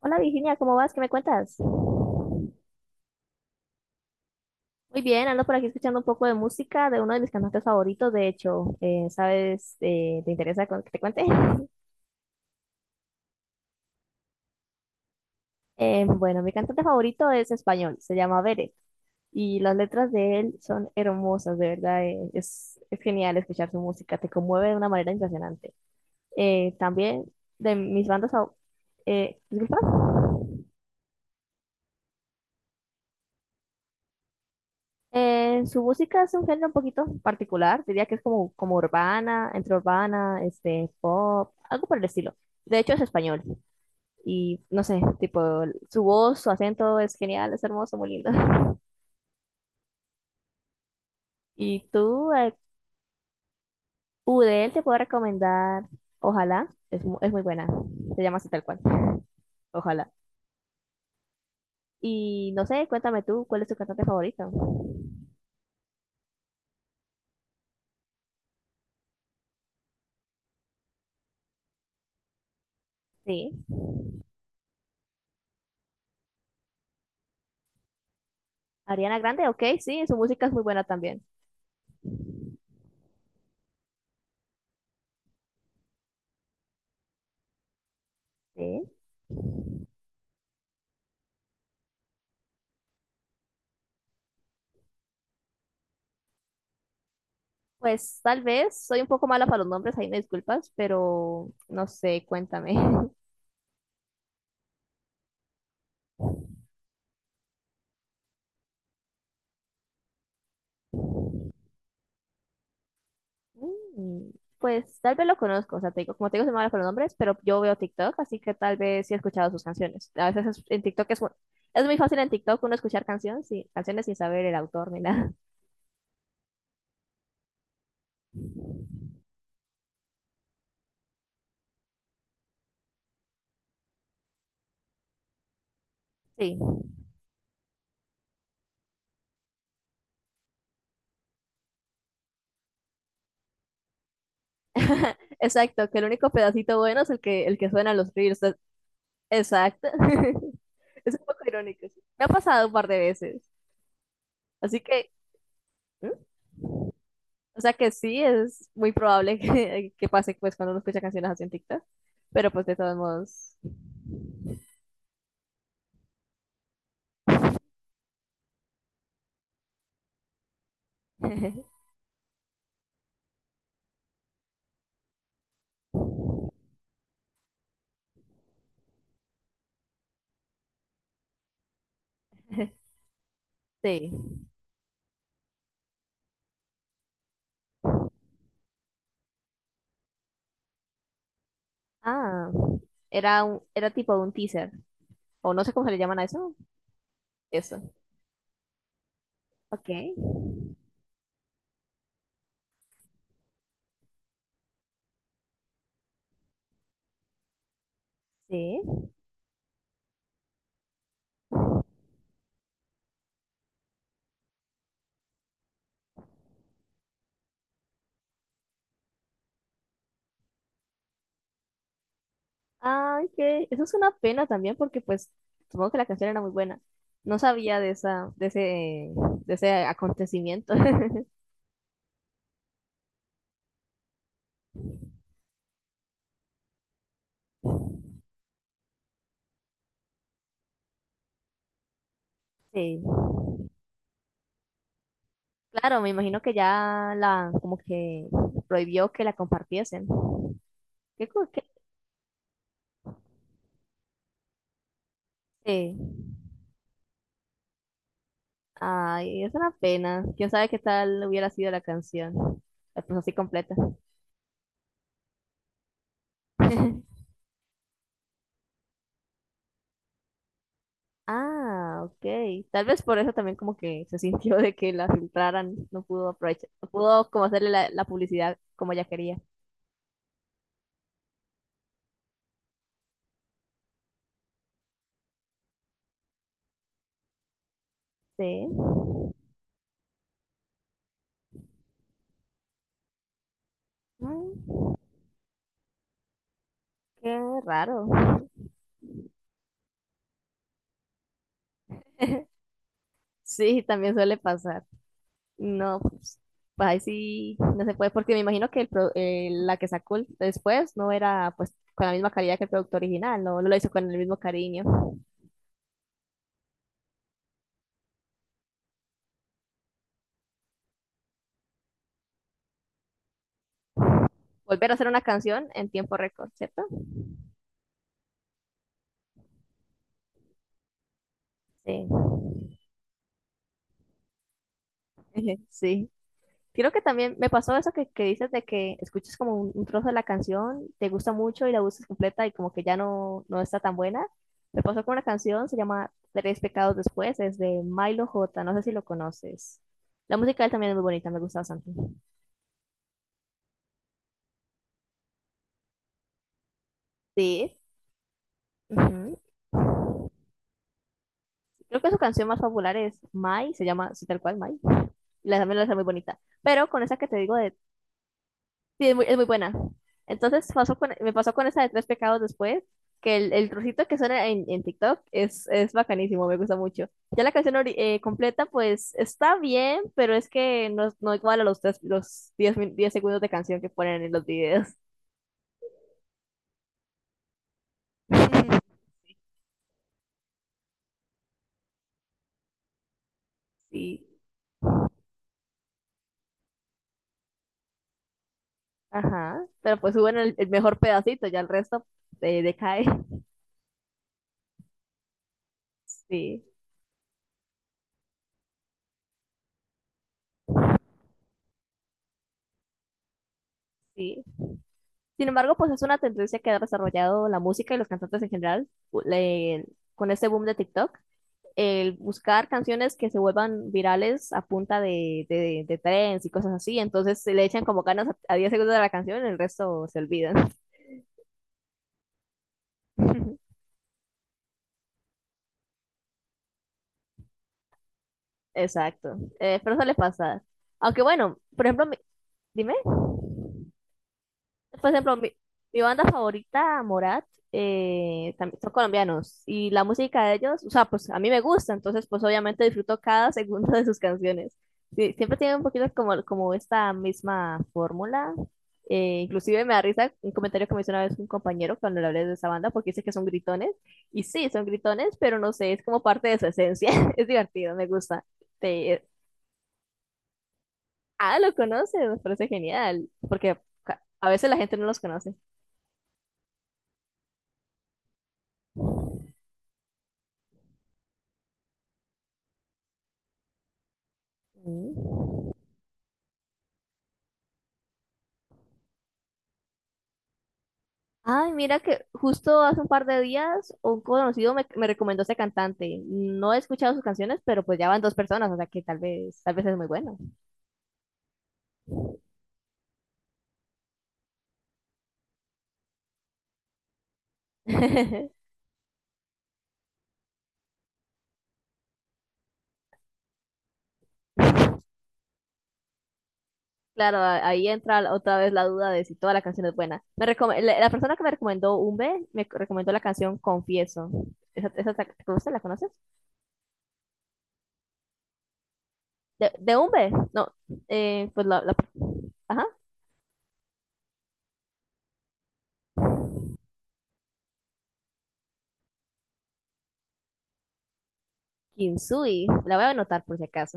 Hola Virginia, ¿cómo vas? ¿Qué me cuentas? Muy bien, ando por aquí escuchando un poco de música de uno de mis cantantes favoritos, de hecho, ¿sabes? ¿Te interesa que te cuente? Bueno, mi cantante favorito es español, se llama Beret, y las letras de él son hermosas, de verdad, es genial escuchar su música, te conmueve de una manera impresionante. También de mis bandas favoritas, ¿disculpa? Su música es un género un poquito particular, diría que es como urbana, entre urbana, pop, algo por el estilo. De hecho es español y no sé, tipo, su voz, su acento es genial, es hermoso, muy lindo. Y tú, U de él te puedo recomendar, ojalá, es muy buena, se llama así tal cual, ojalá. Y no sé, cuéntame tú, ¿cuál es tu cantante favorito? Sí, Ariana Grande, ok, sí, su música es muy buena también. Sí. Pues tal vez, soy un poco mala para los nombres, ahí me disculpas, pero no sé, cuéntame. Mm, Pues tal vez lo conozco, o sea, te digo, como te digo, soy mala para los nombres, pero yo veo TikTok, así que tal vez sí he escuchado sus canciones. A veces en TikTok es muy fácil en TikTok uno escuchar canciones, sí, canciones sin saber el autor ni nada. Sí, exacto, que el único pedacito bueno es el que suena en los reels. Exacto. Es un poco irónico. Sí. Me ha pasado un par de veces, así que... O sea que sí, es muy probable que pase pues cuando uno escucha canciones así en TikTok, pero pues de todos modos, sí. Ah, era tipo un teaser, o no sé cómo se le llaman a eso, eso. Ok, sí. Ay, que eso es una pena también porque pues supongo que la canción era muy buena. No sabía de esa, de ese acontecimiento. Sí. Claro, me imagino que ya la, como que prohibió que la compartiesen. ¿Qué? Sí. Ay, es una pena. Quién sabe qué tal hubiera sido la canción. La puso así completa. Ah, ok. Tal vez por eso también como que se sintió de que la filtraran. No pudo aprovechar, no pudo como hacerle la publicidad como ella quería. Sí. Mm. Qué raro. Sí, también suele pasar. No, pues ahí sí no se puede, porque me imagino que la que sacó después no era pues con la misma calidad que el producto original, no, no lo hizo con el mismo cariño. Volver a hacer una canción en tiempo récord, ¿cierto? Sí. Sí. Creo que también me pasó eso que dices de que escuchas como un trozo de la canción, te gusta mucho y la buscas completa y como que ya no, no está tan buena. Me pasó con una canción, se llama Tres Pecados Después, es de Milo J, no sé si lo conoces. La música de él también es muy bonita, me gusta bastante. Sí. Ujú. Creo que su canción más popular es Mai, se llama así tal cual Mai. Y la también la hace muy bonita. Pero con esa que te digo de, sí, es muy buena. Entonces pasó me pasó con esa de Tres Pecados después, que el trocito que suena en TikTok es bacanísimo, me gusta mucho. Ya la canción completa, pues está bien, pero es que no, no igual a los, tres, los 10 min- 10 segundos de canción que ponen en los videos. Sí, ajá. Pero pues suben el mejor pedacito, ya el resto decae. Sí, sí. Sin embargo, pues es una tendencia que ha desarrollado la música y los cantantes en general con este boom de TikTok. El buscar canciones que se vuelvan virales a punta de trends y cosas así. Entonces se le echan como ganas a 10 segundos de la canción, el resto se olvidan. Exacto. Pero eso le pasa. Aunque bueno, por ejemplo, dime. Por ejemplo, mi banda favorita, Morat, son colombianos y la música de ellos, o sea, pues a mí me gusta, entonces pues obviamente disfruto cada segundo de sus canciones. Sí, siempre tienen un poquito como esta misma fórmula. Inclusive me da risa un comentario que me hizo una vez un compañero cuando le hablé de esa banda porque dice que son gritones y sí, son gritones, pero no sé, es como parte de su esencia. Es divertido, me gusta. Te- ah, lo conoces, me parece genial porque a veces la gente no los conoce. Mm. Ay, mira que justo hace un par de días un conocido me recomendó ese cantante. No he escuchado sus canciones, pero pues ya van dos personas, o sea que tal vez es muy bueno. Claro, ahí entra otra vez la duda de si toda la canción es buena. La persona que me recomendó Umbe recomendó la canción Confieso. ¿Esa te gusta? ¿La conoces? De Umbe, no, pues ajá, Kinsui. La voy a anotar por si acaso.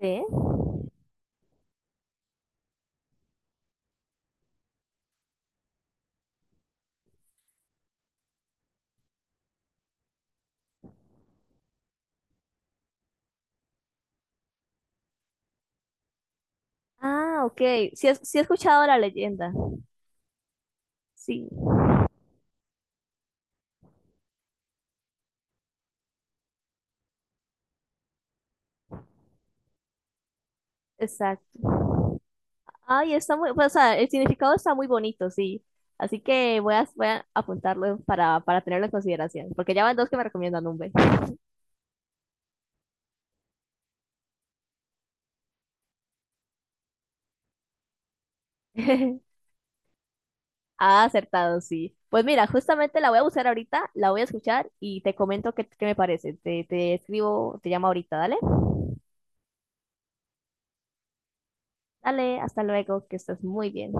¿Sí? Ah, ok. Sí, sí he escuchado la leyenda. Sí. Exacto. Ay, está muy, pues, o sea, el significado está muy bonito, sí. Así que voy a apuntarlo para tenerlo en consideración, porque ya van dos que me recomiendan un B. Ah, acertado, sí. Pues mira, justamente la voy a buscar ahorita, la voy a escuchar y te comento qué, me parece. Te escribo, te llamo ahorita, dale. Dale, hasta luego, que estés muy bien.